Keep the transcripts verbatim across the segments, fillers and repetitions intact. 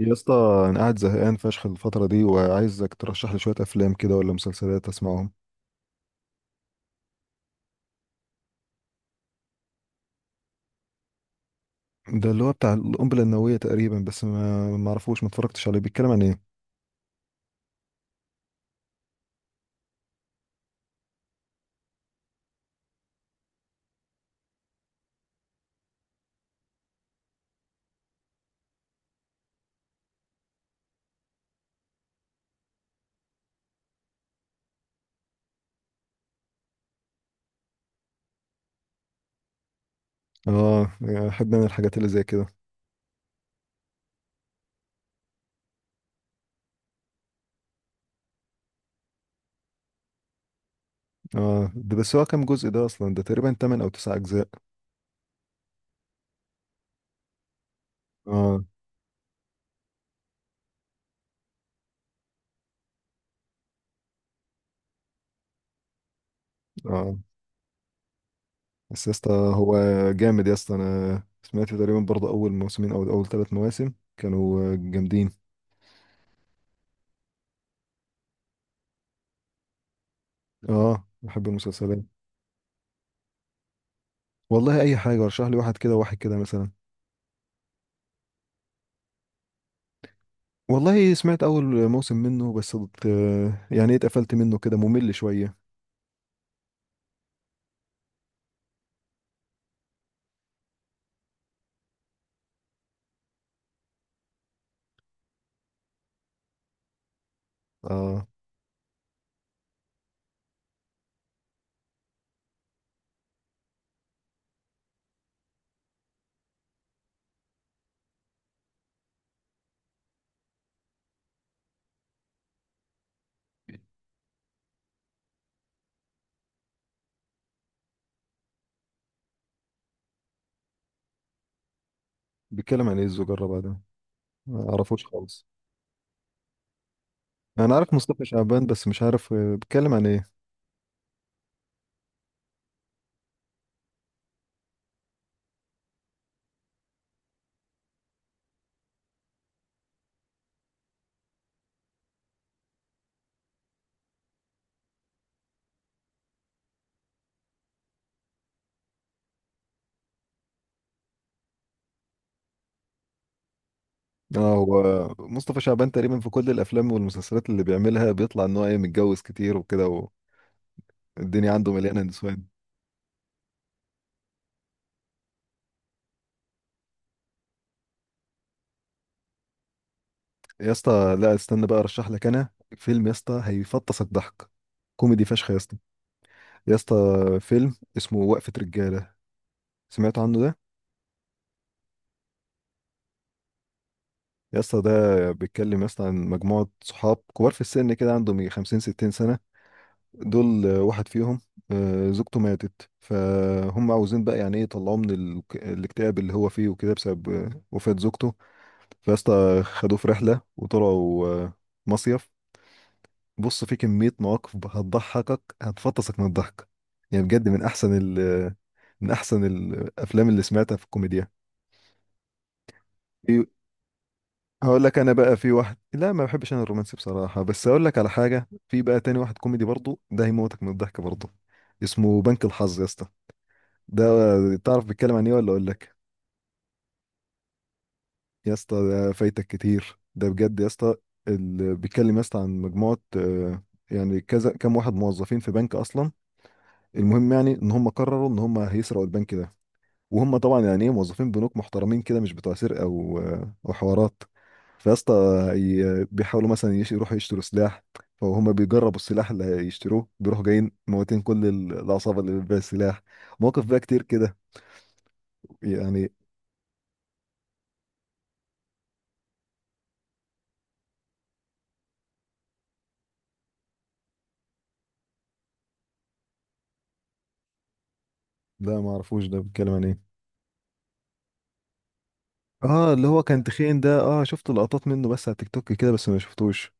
يا اسطى، انا قاعد زهقان فشخ الفترة دي وعايزك ترشح لي شوية افلام كده ولا مسلسلات اسمعهم. ده اللي هو بتاع القنبلة النووية تقريبا، بس ما ما اعرفوش، ما اتفرجتش عليه. بيتكلم عن ايه؟ اه، احب انا الحاجات اللي زي كده. اه ده، بس هو كام جزء ده اصلا؟ ده تقريبا تمانية او تسعة اجزاء. اه. اه بس يا اسطى هو جامد، يا اسطى. انا سمعت تقريبا برضه اول موسمين او اول ثلاث مواسم كانوا جامدين. اه، بحب المسلسلات. والله اي حاجة، ارشح لي واحد كده واحد كده مثلا. والله سمعت اول موسم منه بس ضد- يعني ايه، اتقفلت منه كده، ممل شويه. اه، بيتكلم عن ايه الزجرة بقى ده؟ ما اعرفوش خالص. انا عارف مصطفى شعبان، بس مش عارف آه، بيتكلم عن ايه. اه، هو مصطفى شعبان تقريبا في كل الافلام والمسلسلات اللي بيعملها بيطلع ان هو ايه، متجوز كتير وكده. والدنيا عنده مليانه نسوان. يا اسطى لا، استنى بقى ارشح لك انا فيلم يا اسطى هيفطسك ضحك، كوميدي فشخ يا اسطى. يا اسطى، فيلم اسمه وقفه رجاله، سمعت عنه ده؟ يا اسطى ده بيتكلم يا اسطى عن مجموعة صحاب كبار في السن كده، عندهم يجي خمسين ستين سنة. دول آه، واحد فيهم آه، زوجته ماتت، فهم عاوزين بقى يعني ايه، يطلعوه من ال- الاكتئاب اللي هو فيه وكده، بسبب آه، وفاة زوجته. فيا اسطى خدوه في رحلة وطلعوا آه، مصيف. بص، في كمية مواقف هتضحكك، هتفطسك من الضحك، يعني بجد من أحسن ال من أحسن الأفلام اللي سمعتها في الكوميديا. هقول لك انا بقى في واحد. لا، ما بحبش انا الرومانسي بصراحه، بس اقول لك على حاجه، في بقى تاني واحد كوميدي برضه ده هيموتك من الضحك برضه، اسمه بنك الحظ يا اسطى. ده تعرف بيتكلم عن ايه ولا اقول لك؟ يا اسطى ده فايتك كتير، ده بجد يا اسطى. اللي بيتكلم يا اسطى عن مجموعه آه، يعني كذا، كام واحد موظفين في بنك اصلا. المهم يعني ان هم قرروا ان هم هيسرقوا البنك ده، وهم طبعا يعني ايه، موظفين بنوك محترمين كده، مش بتوع سرقه و- وحوارات. فيا اسطى ي- بيحاولوا مثلا يش- يروحوا يشتروا سلاح، فهم بيجربوا السلاح اللي هيشتروه، بيروحوا جايين موتين كل ال- العصابه اللي بتبيع السلاح. مواقف بقى كتير كده، يعني. لا، ما اعرفوش، ده بيتكلم عن ايه؟ اه، اللي هو كان تخين ده، اه شفت لقطات منه بس على تيك توك كده، بس ما شفتوش.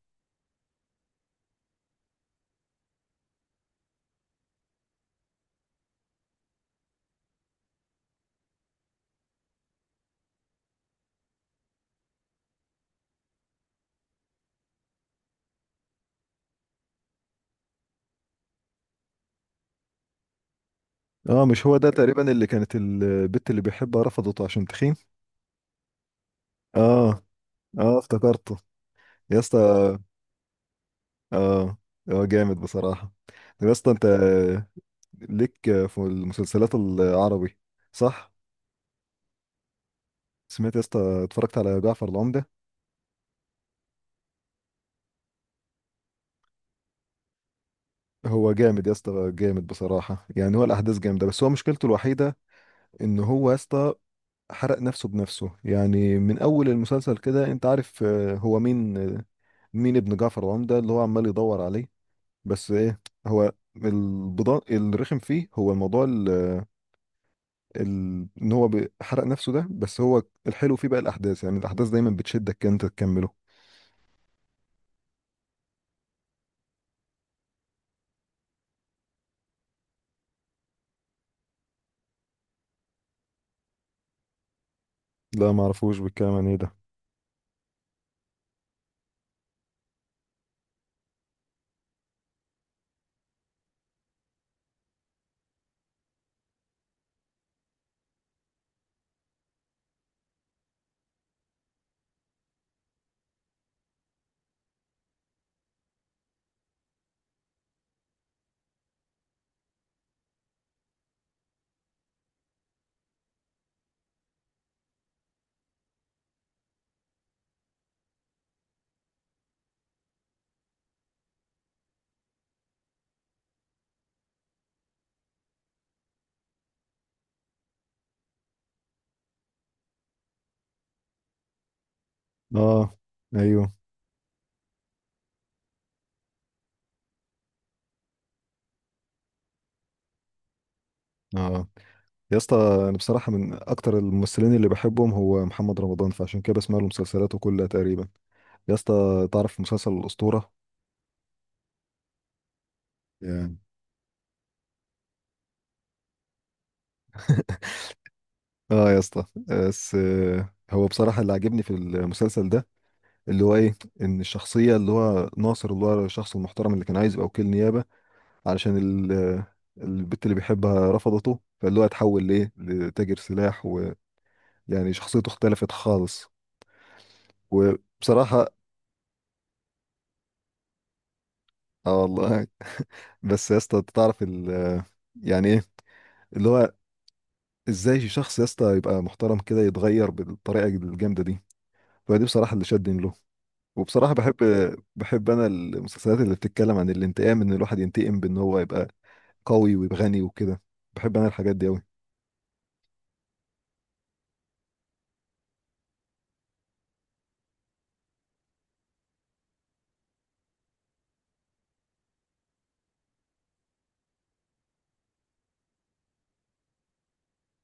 اه، مش هو ده تقريبا اللي كانت البت اللي بيحبها رفضته عشان تخين؟ اه، اه افتكرته. يا اسطى، اه، هو جامد بصراحة. طب يا اسطى انت ليك في المسلسلات العربي، صح؟ سمعت يا اسطى، اتفرجت على جعفر العمدة؟ هو جامد يا اسطى، جامد بصراحة. يعني هو الأحداث جامدة، بس هو مشكلته الوحيدة إن هو يا اسطى حرق نفسه بنفسه. يعني من أول المسلسل كده أنت عارف آه، هو مين آه، مين ابن جعفر العمدة اللي هو عمال يدور عليه. بس إيه، هو البضاء الرخم فيه هو الموضوع. ال... ان هو بي- حرق نفسه ده. بس هو الحلو فيه بقى الاحداث، يعني الاحداث دايما بتشدك كده انت تكمله. لا ما اعرفوش، بيتكلم عن ايه ده؟ اه، ايوه. اه، يا اسطى انا بصراحه من اكتر الممثلين اللي بحبهم هو محمد رمضان، فعشان كده بسمع له مسلسلاته كلها تقريبا. يا اسطى تعرف مسلسل الاسطوره؟ يعني. اه يا اسطى، بس آه، هو بصراحة اللي عجبني في المسلسل ده، اللي هو ايه، ان الشخصية اللي هو ناصر، اللي هو الشخص المحترم اللي كان عايز يبقى وكيل نيابة، علشان ال- البت اللي بيحبها رفضته، فاللي هو اتحول ليه لتاجر سلاح، ويعني شخصيته اختلفت خالص. وبصراحة، اه والله. بس يا اسطى أنت تعرف ال، يعني ايه، اللي هو ازاي شخص يا اسطى يبقى محترم كده يتغير بالطريقة الجامدة دي؟ فدي بصراحة اللي شدني له. وبصراحة بحب بحب انا المسلسلات اللي بتتكلم عن الانتقام، ان الواحد ينتقم بان هو يبقى قوي ويبقى غني وكده. بحب انا الحاجات دي قوي.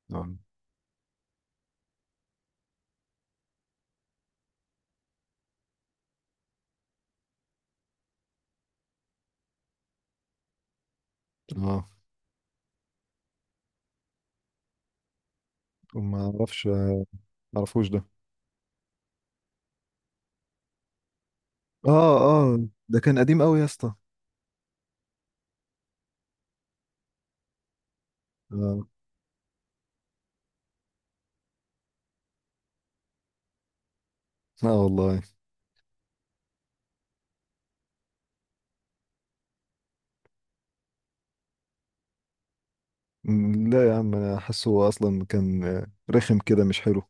نعم. اه، وما اعرفش ما اعرفوش ده. اه، اه ده كان قديم قوي يا اسطى. اه. اه والله. م، لا يا عم، انا حاسه اصلا كان آه، رخم كده مش حلو.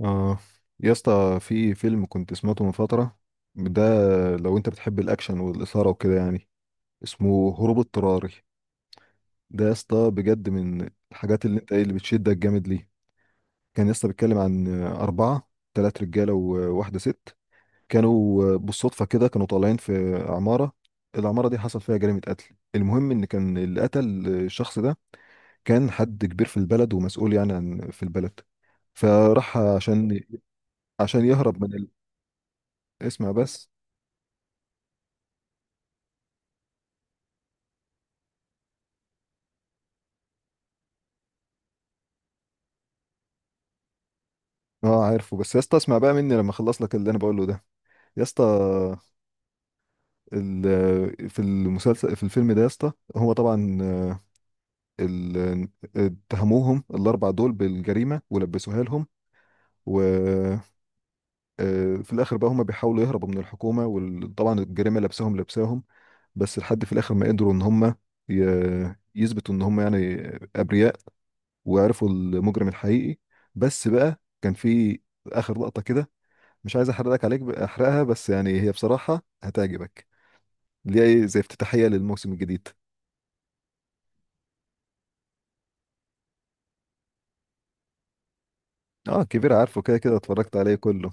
اه، يا اسطى في فيلم كنت سمعته من فترة ده، لو انت بتحب الاكشن والاثارة وكده يعني، اسمه هروب اضطراري. ده يا اسطى بجد من الحاجات اللي انت ايه، اللي بتشدك جامد ليه. كان يا اسطى بيتكلم عن آه، أربعة، تلات رجالة وواحدة ست، كانوا بالصدفة كده كانوا طالعين في عمارة، العمارة دي حصل فيها جريمة قتل. المهم إن كان اللي قتل الشخص ده كان حد كبير في البلد ومسؤول يعني عن في البلد، فراح عشان عشان يهرب من ال... اسمع بس. اه عارفه، بس يا اسطى اسمع بقى مني لما اخلص لك اللي انا بقوله ده. يا اسطى ال... في المسلسل، في الفيلم ده يا اسطى، هو طبعا آه، ال... اتهموهم الاربع دول بالجريمه ولبسوها لهم، و آه، في الاخر بقى هم بيحاولوا يهربوا من الحكومه، وطبعا الجريمه لابساهم، لابساهم بس لحد في الاخر ما قدروا ان هم ي- يثبتوا ان هم يعني ابرياء، وعرفوا المجرم الحقيقي. بس بقى كان في اخر لقطه كده، مش عايز احرق لك، عليك احرقها، بس يعني هي بصراحه هتعجبك، اللي هي إيه، زي افتتاحيه للموسم الجديد. اه كبير، عارفه كده كده، اتفرجت عليه كله.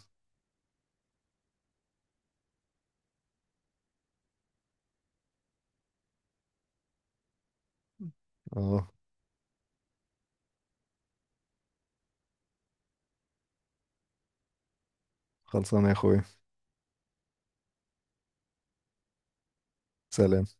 اه، خلصانه يا اخويا. سلام.